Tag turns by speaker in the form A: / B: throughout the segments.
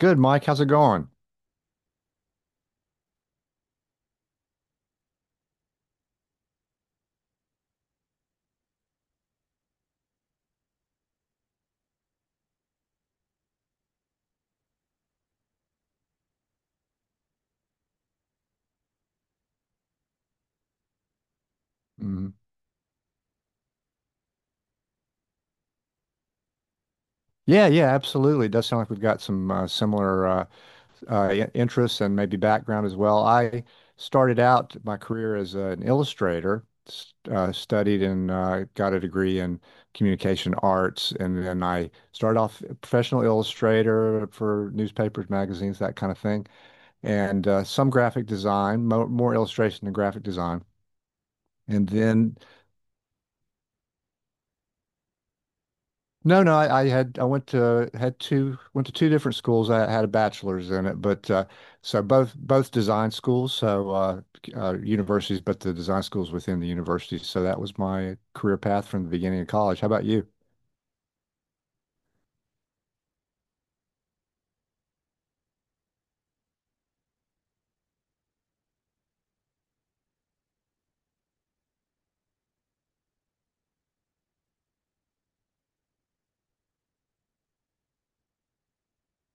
A: Good, Mike. How's it going? Mhm. Yeah, yeah, absolutely. It does sound like we've got some similar interests and maybe background as well. I started out my career as an illustrator, studied and got a degree in communication arts, and then I started off a professional illustrator for newspapers, magazines, that kind of thing, and some graphic design, mo more illustration than graphic design, and then. No, no, I went to had two went to two different schools. I had a bachelor's in it, but so both design schools, so universities, but the design schools within the universities. So that was my career path from the beginning of college. How about you?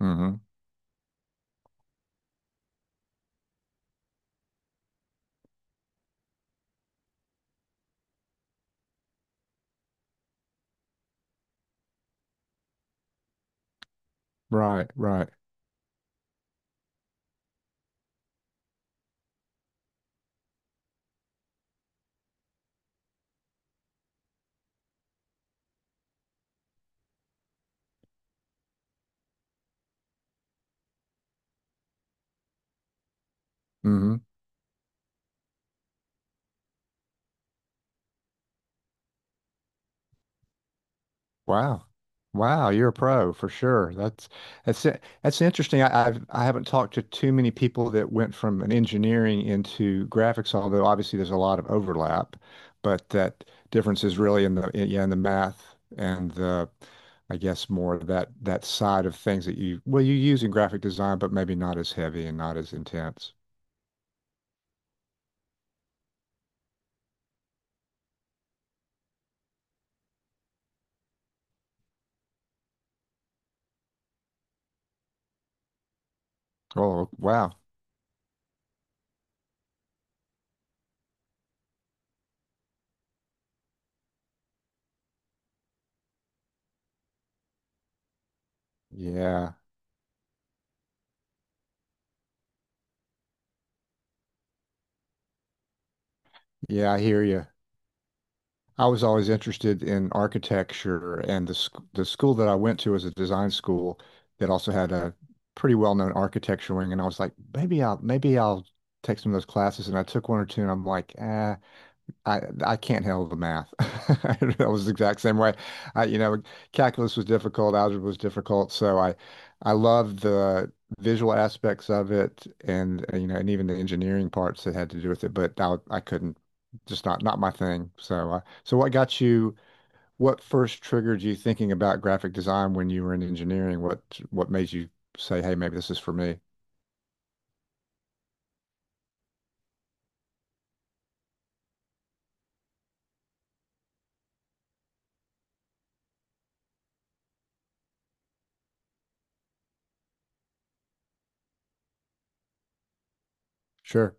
A: Hmm. Right, right. Hmm. Wow. Wow, you're a pro for sure. That's that's interesting. I haven't talked to too many people that went from an engineering into graphics, although obviously there's a lot of overlap, but that difference is really in yeah, in the math and the I guess more of that side of things that you well you use in graphic design, but maybe not as heavy and not as intense. Oh, wow. Yeah. Yeah, I hear you. I was always interested in architecture, and the school that I went to was a design school that also had a pretty well-known architecture wing. And I was like, maybe I'll take some of those classes. And I took one or two, and I'm like, I can't handle the math. I was the exact same way. I, you know, calculus was difficult, algebra was difficult, so I love the visual aspects of it, and you know, and even the engineering parts that had to do with it. But I couldn't, just not my thing. So so what got you? What first triggered you thinking about graphic design when you were in engineering? What made you say, hey, maybe this is for me? Sure.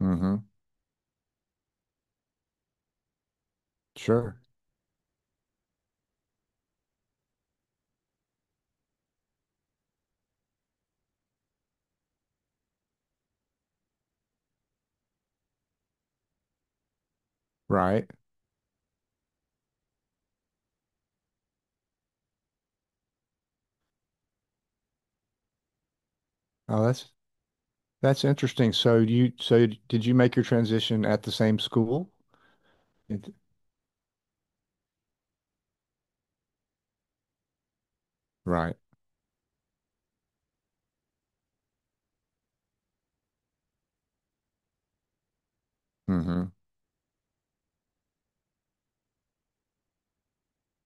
A: Mm-hmm. Sure. Right. Oh, that's interesting. So you so did you make your transition at the same school? It- right. Hmm.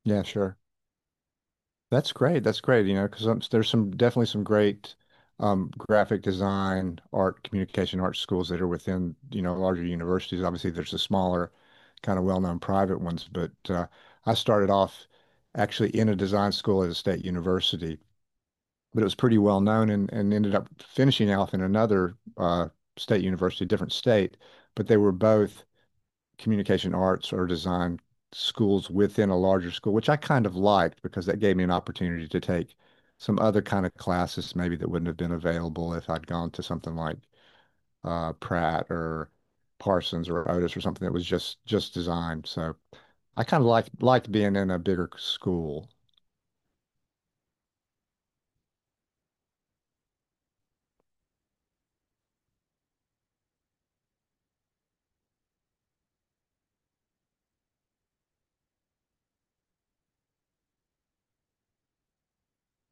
A: Yeah, sure. That's great. That's great, you know, because there's some definitely some great graphic design, art, communication arts schools that are within, you know, larger universities. Obviously, there's the smaller, kind of well-known private ones, but I started off actually in a design school at a state university, but it was pretty well known and ended up finishing off in another state university, different state. But they were both communication arts or design schools within a larger school, which I kind of liked because that gave me an opportunity to take some other kind of classes maybe that wouldn't have been available if I'd gone to something like Pratt or Parsons or Otis or something that was just designed. So I kind of liked being in a bigger school.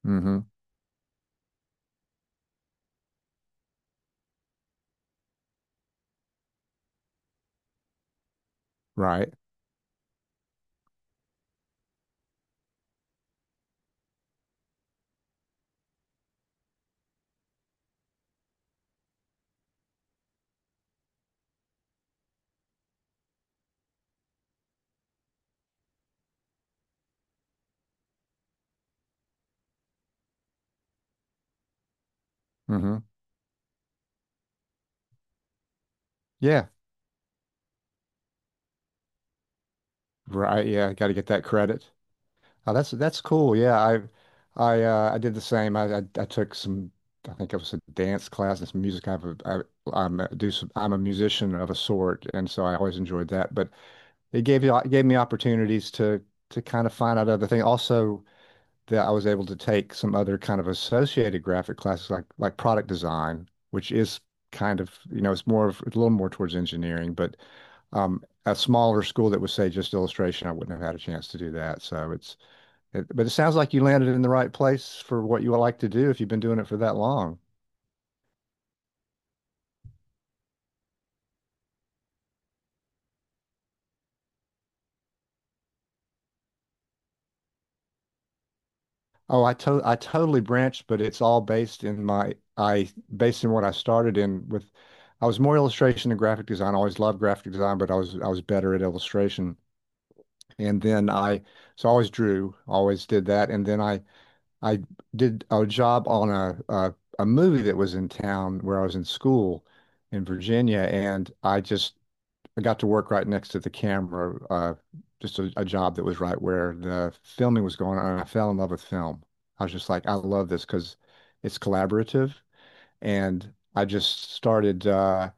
A: Hmm. Right. Hmm. Yeah. Right, yeah, got to get that credit. Oh, that's cool. Yeah, I I did the same. I took some I think it was a dance class and some music. I have I'm do some, I'm a musician of a sort, and so I always enjoyed that. But it gave me opportunities to kind of find out other things. Also, that I was able to take some other kind of associated graphic classes like product design, which is kind of, you know, it's more of it's a little more towards engineering, but a smaller school that would say just illustration, I wouldn't have had a chance to do that. So it's it, but it sounds like you landed in the right place for what you would like to do if you've been doing it for that long. Oh, I totally branched, but it's all based in my I based in what I started in with I was more illustration and graphic design. I always loved graphic design, but I was better at illustration. And then I, so I always drew, always did that. And then I did a job on a movie that was in town where I was in school in Virginia. And I just I got to work right next to the camera, just a job that was right where the filming was going on. And I fell in love with film. I was just like, I love this because it's collaborative. And I just started,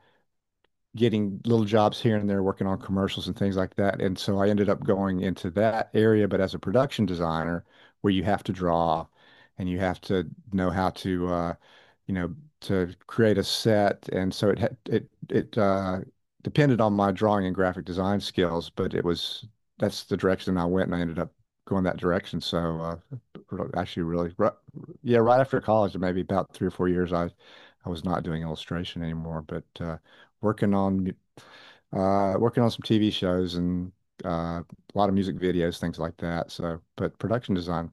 A: getting little jobs here and there working on commercials and things like that. And so I ended up going into that area, but as a production designer, where you have to draw and you have to know how to, you know, to create a set. And so it had, depended on my drawing and graphic design skills, but it was, that's the direction I went and I ended up going that direction. So, actually really, right, yeah, right after college, maybe about 3 or 4 years, I was not doing illustration anymore, but, working on working on some TV shows and a lot of music videos, things like that. So, but production design.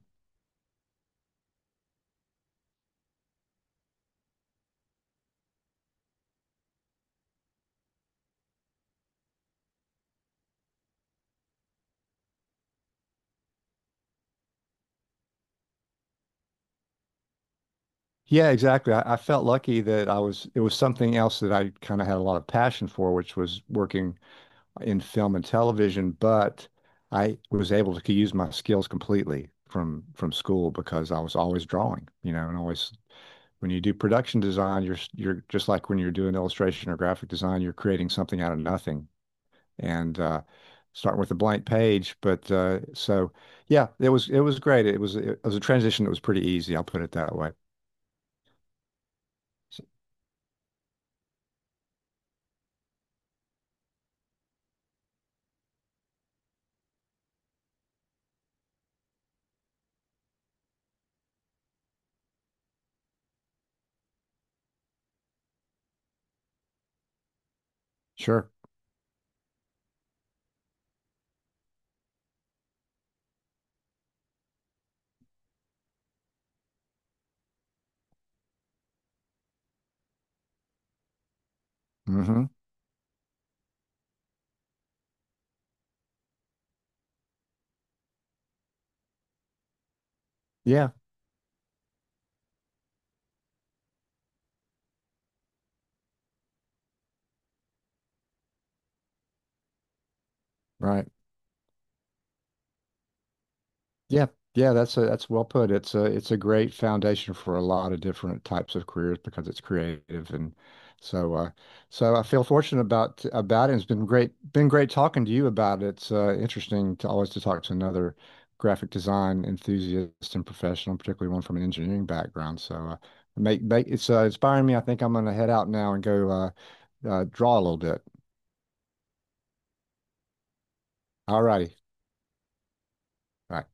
A: Yeah, exactly. I felt lucky that I was it was something else that I kind of had a lot of passion for, which was working in film and television, but I was able to use my skills completely from school because I was always drawing, you know, and always when you do production design, you're just like when you're doing illustration or graphic design, you're creating something out of nothing, and starting with a blank page. But so yeah, it was great. It was a transition that was pretty easy. I'll put it that way. S- Sure. Hmm. Yeah. Right. Yeah, yeah, that's that's well put. It's a great foundation for a lot of different types of careers because it's creative and so so I feel fortunate about it. It's been great talking to you about it. It's interesting to always to talk to another graphic design enthusiast and professional, particularly one from an engineering background. So make it's inspiring me. I think I'm gonna head out now and go draw a little bit. All righty. All right.